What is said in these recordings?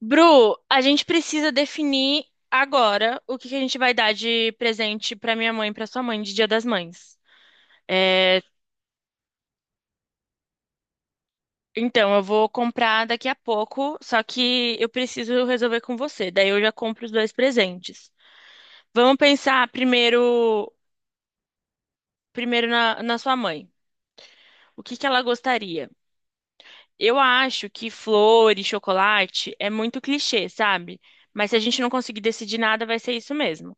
Bru, a gente precisa definir agora o que a gente vai dar de presente pra minha mãe e pra sua mãe de Dia das Mães. É, então, eu vou comprar daqui a pouco, só que eu preciso resolver com você. Daí eu já compro os dois presentes. Vamos pensar primeiro na sua mãe. O que ela gostaria? Eu acho que flor e chocolate é muito clichê, sabe? Mas se a gente não conseguir decidir nada, vai ser isso mesmo. O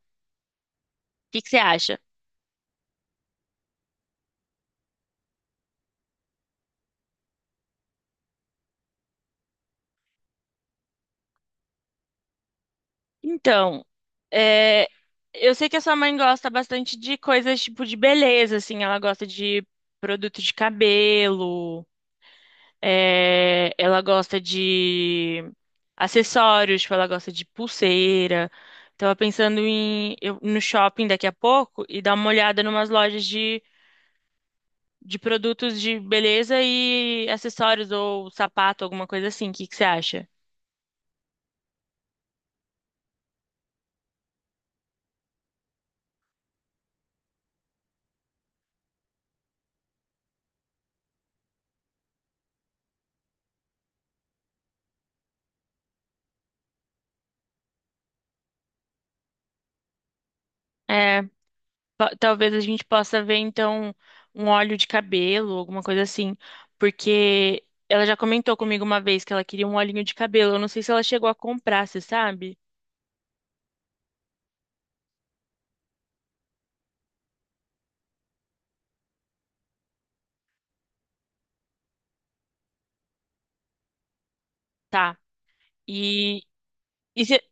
que que você acha? Então, é, eu sei que a sua mãe gosta bastante de coisas tipo de beleza, assim, ela gosta de produto de cabelo, ela gosta de acessórios, tipo, ela gosta de pulseira. Tava pensando no shopping daqui a pouco e dar uma olhada numas lojas de produtos de beleza e acessórios ou sapato, alguma coisa assim. O que você acha? Talvez a gente possa ver, então, um óleo de cabelo, alguma coisa assim. Porque ela já comentou comigo uma vez que ela queria um olhinho de cabelo. Eu não sei se ela chegou a comprar, você sabe? Tá. E, e se-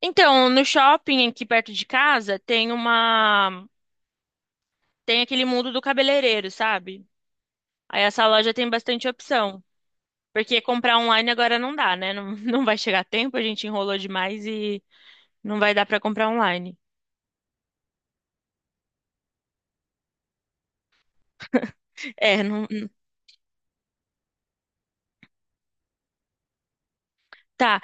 Então, no shopping aqui perto de casa tem uma. Tem aquele mundo do cabeleireiro, sabe? Aí essa loja tem bastante opção. Porque comprar online agora não dá, né? Não, não vai chegar tempo, a gente enrolou demais e não vai dar pra comprar online. É, não. Tá.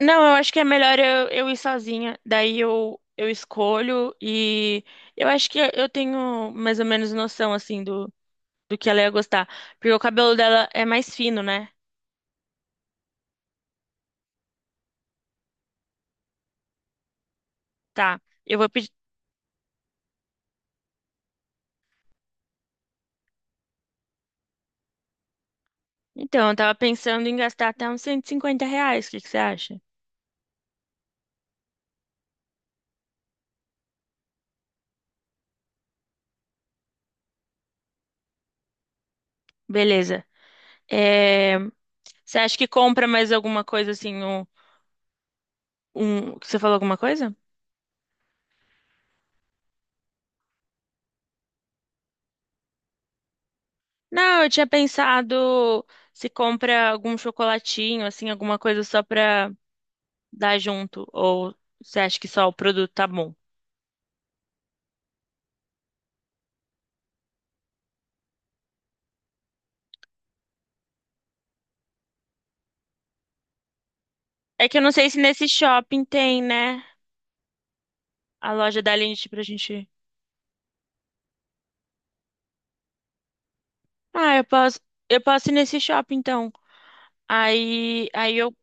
Não, eu acho que é melhor eu ir sozinha. Daí eu escolho e eu acho que eu tenho mais ou menos noção, assim, do que ela ia gostar. Porque o cabelo dela é mais fino, né? Tá. Eu vou pedir. Então, eu tava pensando em gastar até uns R$ 150. O que você acha? Beleza. É, você acha que compra mais alguma coisa, assim, Você falou alguma coisa? Não, eu tinha pensado se compra algum chocolatinho, assim, alguma coisa só pra. Dar junto? Ou você acha que só o produto tá bom? É que eu não sei se nesse shopping tem, né? A loja da Lindt pra gente. Ah, eu posso ir nesse shopping então. Aí eu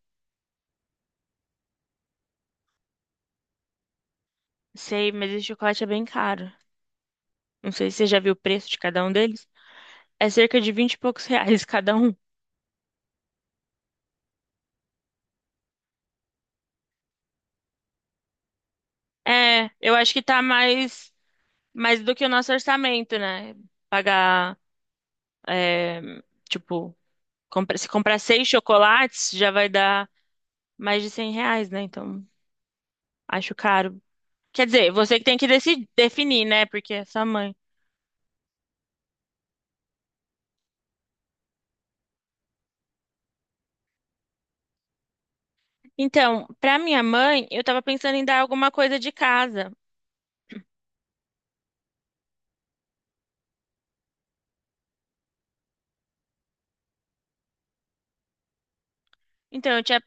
sei, mas esse chocolate é bem caro. Não sei se você já viu o preço de cada um deles. É cerca de 20 e poucos reais cada um. É, eu acho que tá mais do que o nosso orçamento, né? Pagar, é, tipo, se comprar 6 chocolates, já vai dar mais de R$ 100, né? Então. Acho caro. Quer dizer, você que tem que definir, né? Porque é sua mãe. Então, pra minha mãe, eu tava pensando em dar alguma coisa de casa. Então, eu tinha.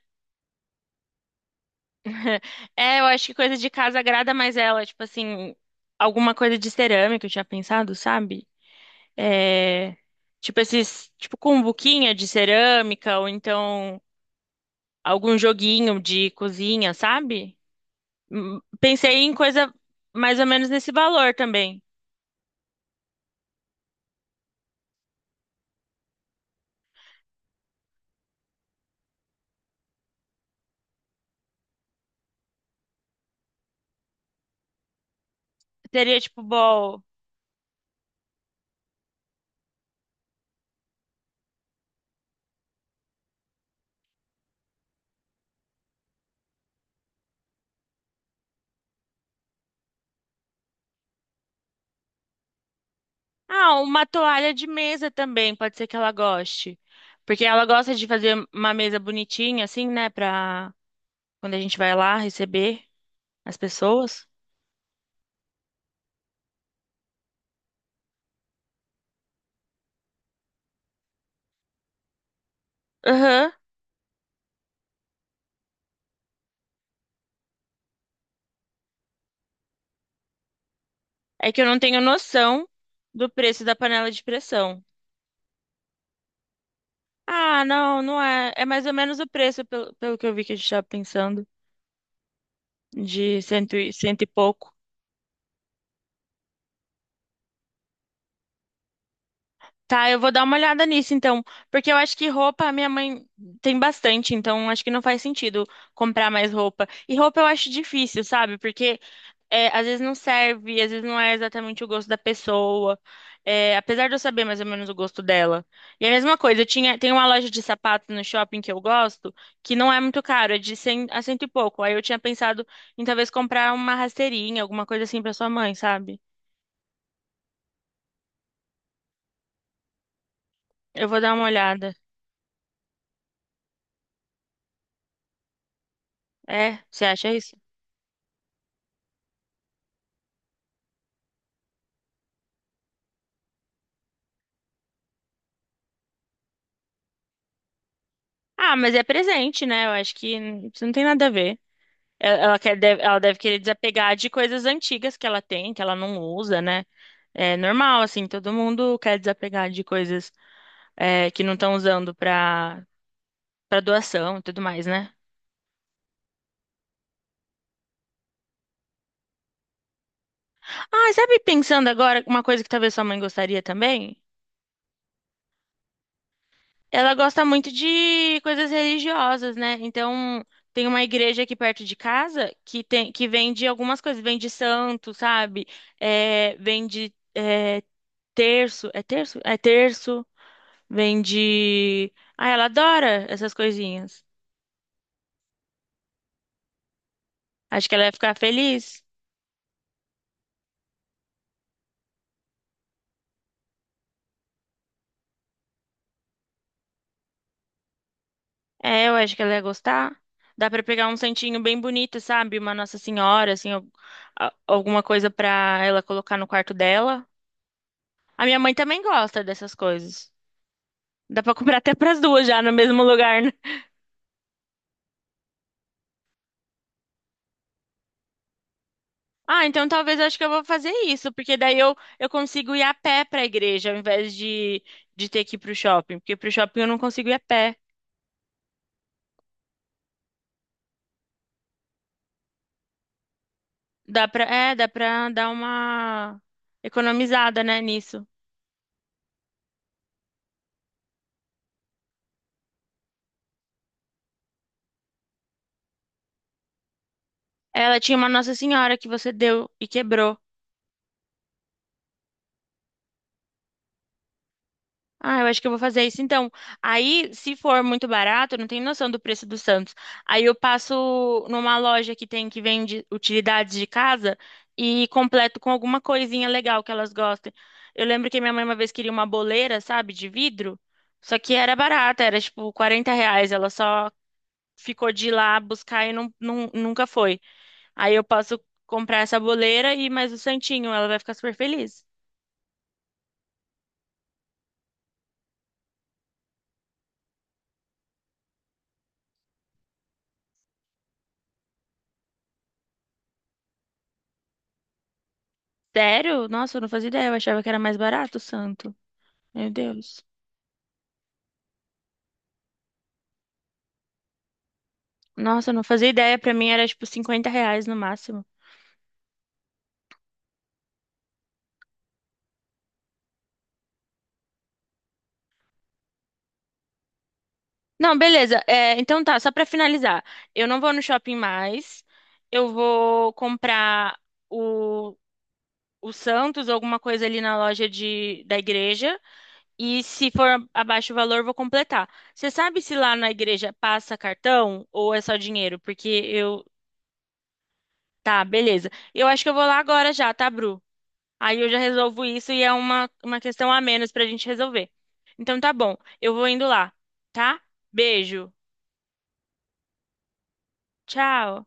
É, eu acho que coisa de casa agrada mais ela. Tipo assim, alguma coisa de cerâmica, eu tinha pensado, sabe? É. Tipo esses. Tipo, cumbuquinha de cerâmica, ou então algum joguinho de cozinha, sabe? Pensei em coisa mais ou menos nesse valor também. Teria, tipo, bol. Ah, uma toalha de mesa também, pode ser que ela goste. Porque ela gosta de fazer uma mesa bonitinha, assim, né? Pra quando a gente vai lá receber as pessoas. Aham. É que eu não tenho noção do preço da panela de pressão. Ah, não, não é. É mais ou menos o preço, pelo que eu vi que a gente tava pensando, de cento e pouco. Tá, eu vou dar uma olhada nisso então, porque eu acho que roupa a minha mãe tem bastante, então acho que não faz sentido comprar mais roupa. E roupa eu acho difícil, sabe? Porque é, às vezes não serve, às vezes não é exatamente o gosto da pessoa, é, apesar de eu saber mais ou menos o gosto dela. E a mesma coisa, tem uma loja de sapatos no shopping que eu gosto, que não é muito caro, é de 100 a cento e pouco. Aí eu tinha pensado em talvez comprar uma rasteirinha, alguma coisa assim pra sua mãe, sabe? Eu vou dar uma olhada. É, você acha isso? Ah, mas é presente, né? Eu acho que isso não tem nada a ver. Ela quer, deve, ela deve querer desapegar de coisas antigas que ela tem, que ela não usa, né? É normal, assim, todo mundo quer desapegar de coisas é, que não estão usando pra doação e tudo mais, né? Ah, sabe, pensando agora, uma coisa que talvez sua mãe gostaria também? Ela gosta muito de coisas religiosas, né? Então, tem uma igreja aqui perto de casa que vende algumas coisas, vende santo, sabe? É, vende é, terço, é terço? É terço, vende. Ah, ela adora essas coisinhas. Acho que ela ia ficar feliz. É, eu acho que ela ia gostar. Dá pra pegar um santinho bem bonito, sabe? Uma Nossa Senhora, assim, alguma coisa pra ela colocar no quarto dela. A minha mãe também gosta dessas coisas. Dá pra comprar até pras duas já no mesmo lugar, né? Ah, então talvez eu acho que eu vou fazer isso, porque daí eu consigo ir a pé pra igreja, ao invés de ter que ir pro shopping, porque pro shopping eu não consigo ir a pé. Dá pra, é, dá pra dar uma economizada, né, nisso. Ela tinha uma Nossa Senhora que você deu e quebrou. Ah, eu acho que eu vou fazer isso então. Aí, se for muito barato, eu não tenho noção do preço do Santos. Aí eu passo numa loja que vende utilidades de casa e completo com alguma coisinha legal que elas gostem. Eu lembro que minha mãe uma vez queria uma boleira, sabe, de vidro, só que era barata, era tipo R$ 40. Ela só ficou de ir lá buscar e nunca foi. Aí eu posso comprar essa boleira e mais o santinho, ela vai ficar super feliz. Sério? Nossa, eu não fazia ideia, eu achava que era mais barato o santo. Meu Deus. Nossa, eu não fazia ideia. Pra mim era tipo R$ 50 no máximo. Não, beleza. É, então tá, só pra finalizar. Eu não vou no shopping mais. Eu vou comprar o, o Santos ou alguma coisa ali na loja da igreja. E se for abaixo o valor, eu vou completar. Você sabe se lá na igreja passa cartão ou é só dinheiro? Porque eu. Tá, beleza. Eu acho que eu vou lá agora já, tá, Bru? Aí eu já resolvo isso e é uma questão a menos pra gente resolver. Então tá bom, eu vou indo lá, tá? Beijo, tchau.